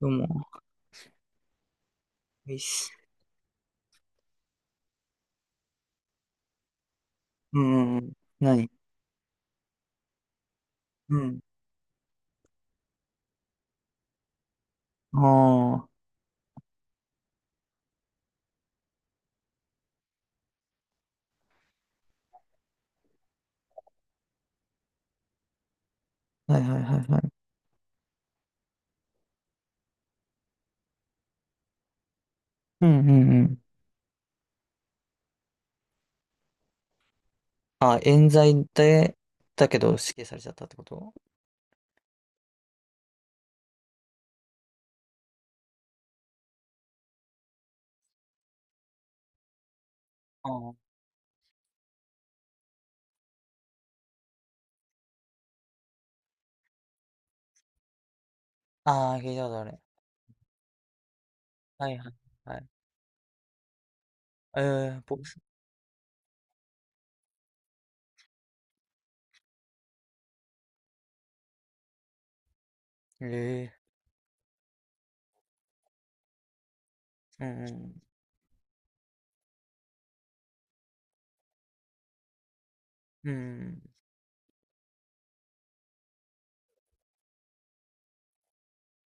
どうも。いいっす。うん。うん、何？うん。ああ、はいはいはいはい。うんうんうん。あ、冤罪で、だけど死刑されちゃったってこと？ああ、あー聞いたことある。はいはいはい。えー、ボクス。ええー、うんうん。うんうん。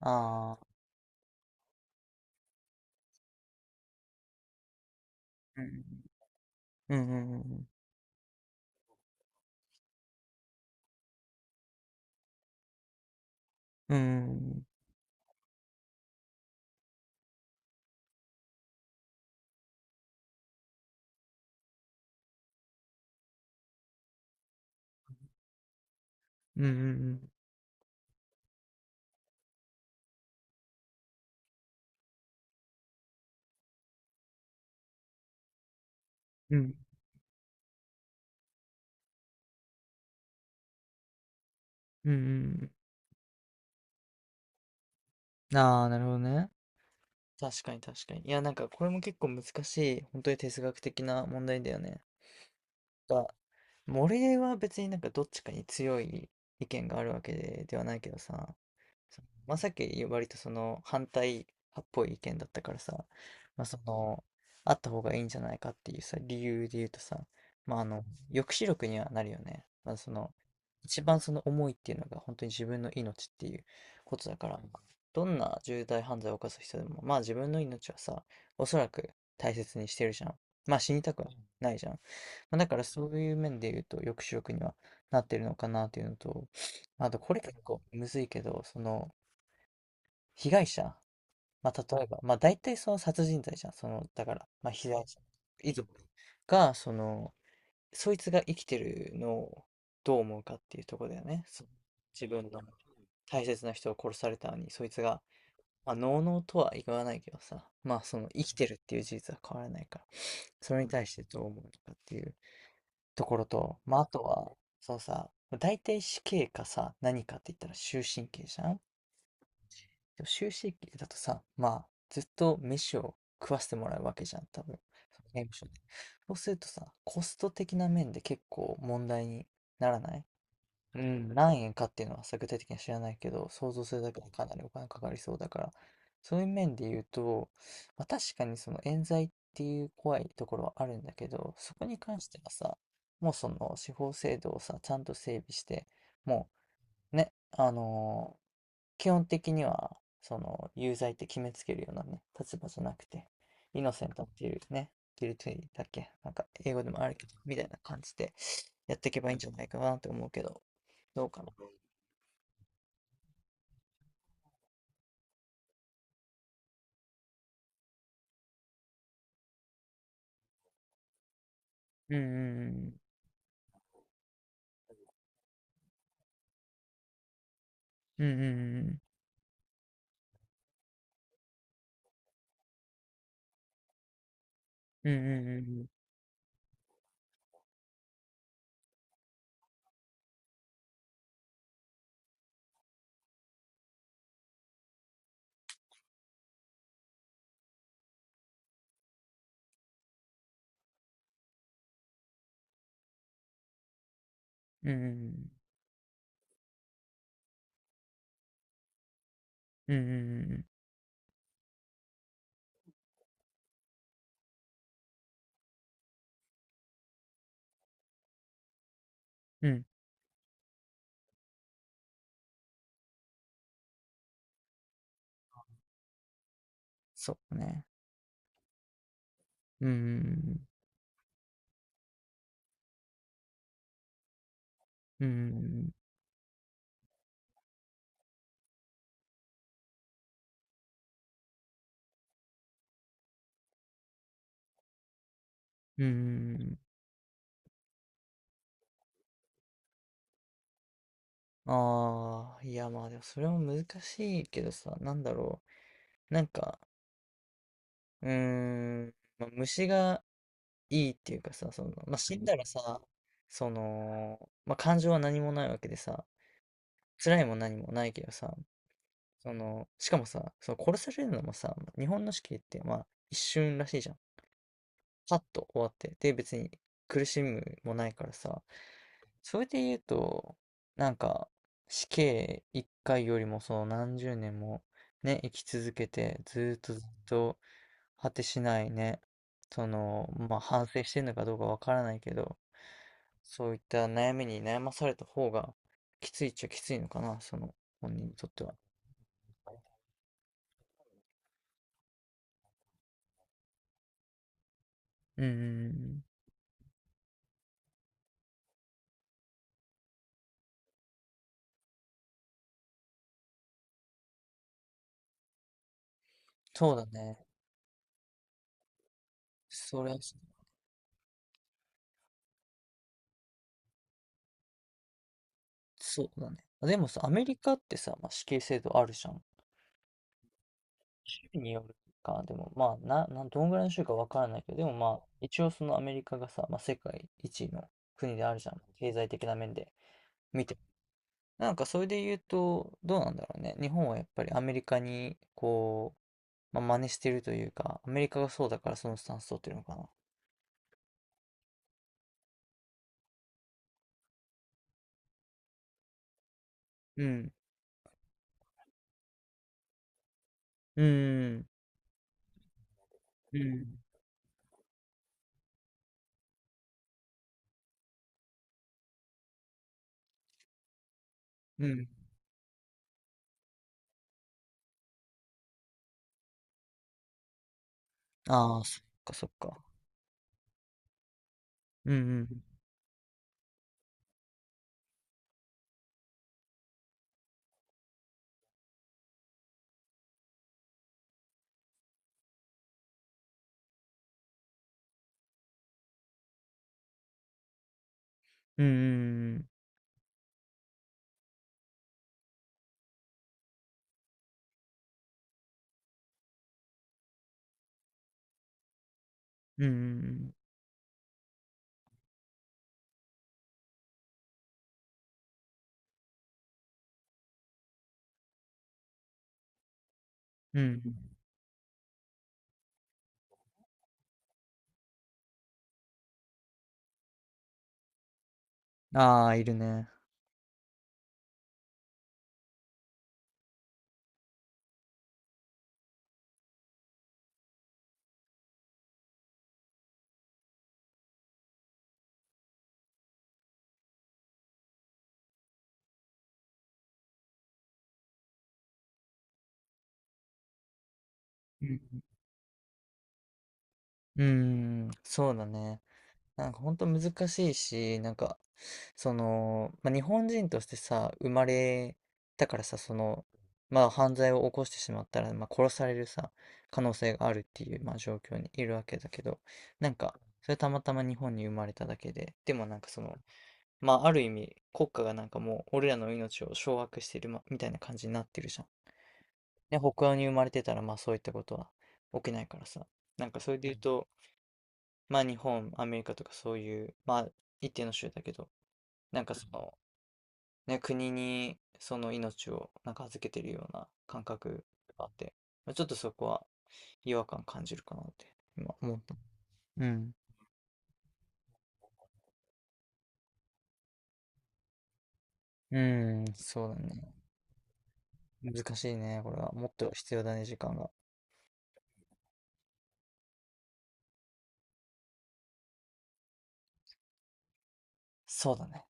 ああ、うん。うんうんうんうん。ううん、うん。うんうんうん。ああ、なるほどね。確かに確かに。いや、なんかこれも結構難しい、本当に哲学的な問題だよね。か、も俺は別になんかどっちかに強い意見があるわけで、ではないけどさ、そのまさき割とその反対派っぽい意見だったからさ、まあその、あった方がいいんじゃないかっていうさ、理由で言うとさ、まああの、抑止力にはなるよね。まあその、一番その思いっていうのが本当に自分の命っていうことだから、どんな重大犯罪を犯す人でも、まあ自分の命はさ、おそらく大切にしてるじゃん。まあ死にたくはないじゃん。ま、だからそういう面で言うと、抑止力にはなってるのかなっていうのと、まあとこれ結構むずいけど、その、被害者、ま、例えば、ま、大体その殺人罪じゃん。その、だから、ま、被害者、遺族が、その、そいつが生きてるのをどう思うかっていうところだよね。その自分の大切な人を殺されたのに、そいつが、まあ、のうのうとは言わないけどさ、ま、その生きてるっていう事実は変わらないから、それに対してどう思うのかっていうところと、まあ、あとは、そうさ、大体死刑かさ、何かって言ったら終身刑じゃん。でも終身刑だとさ、まあ、ずっと飯を食わせてもらうわけじゃん、多分。その刑務所で。そうするとさ、コスト的な面で結構問題にならない？うん、何円かっていうのはさ具体的には知らないけど、想像するだけでかなりお金かかりそうだから、そういう面で言うと、まあ、確かにその冤罪っていう怖いところはあるんだけど、そこに関してはさ、もうその司法制度をさ、ちゃんと整備して、もうね、基本的には、その有罪って決めつけるようなね、立場じゃなくて、イノセントっていうね、ギルティだっけ、なんか英語でもあるけど、みたいな感じでやっていけばいいんじゃないかなって思うけど、どうかな。うんうんうんうん、うんうんうんうん、うんうんうんうん、うんそうね、うんうんうんうんうん。ああ、いや、まあでもそれも難しいけどさ、なんか、まあ虫がいいっていうかさ、そのまあ死んだらさ、そのまあ感情は何もないわけでさ、辛いも何もないけどさ、そのしかもさ、そう、殺されるのもさ、日本の死刑ってまあ一瞬らしいじゃん。さっと終わって、で、別に苦しむもないからさ、それで言うと、なんか、死刑一回よりもその何十年もね、生き続けて、ずーっとずっと果てしないね、その、まあ反省してるのかどうかわからないけど、そういった悩みに悩まされた方がきついっちゃきついのかな、その本人にとっては。うんうんうん、そうだね。それはそう、そうだね。でもさ、アメリカってさ、まあ、死刑制度あるじゃん。州によるか、でもまあ、な、な、どんぐらいの州かわからないけど、でもまあ、一応そのアメリカがさ、まあ、世界一位の国であるじゃん、経済的な面で見ても。なんかそれで言うと、どうなんだろうね。日本はやっぱりアメリカに、こう、まあ、真似してるというか、アメリカがそうだからそのスタンス取ってるのかな。うん。うん。うん。うん。ああ、そっかそっか。うんうん。うんうんうん。うんうんうん。うんうん。ああー、いるね。うんうん。うん、ああ、いるね。うんうん、そうだね。なんか本当難しいし、なんか、その、まあ、日本人としてさ、生まれたからさ、その、まあ犯罪を起こしてしまったら、まあ殺されるさ、可能性があるっていう、まあ状況にいるわけだけど、なんか、それたまたま日本に生まれただけで、でもなんかその、まあある意味、国家がなんかもう俺らの命を掌握してる、ま、みたいな感じになってるじゃん。で、北欧に生まれてたら、まあそういったことは起きないからさ、なんかそれで言うと、まあ日本、アメリカとかそういう、まあ一定の州だけど、なんかその、ね、国にその命をなんか預けてるような感覚があって、まあ、ちょっとそこは違和感感じるかなって今思った。うん。うん、そうだね。難しいね、これは。もっと必要だね、時間が。そうだね。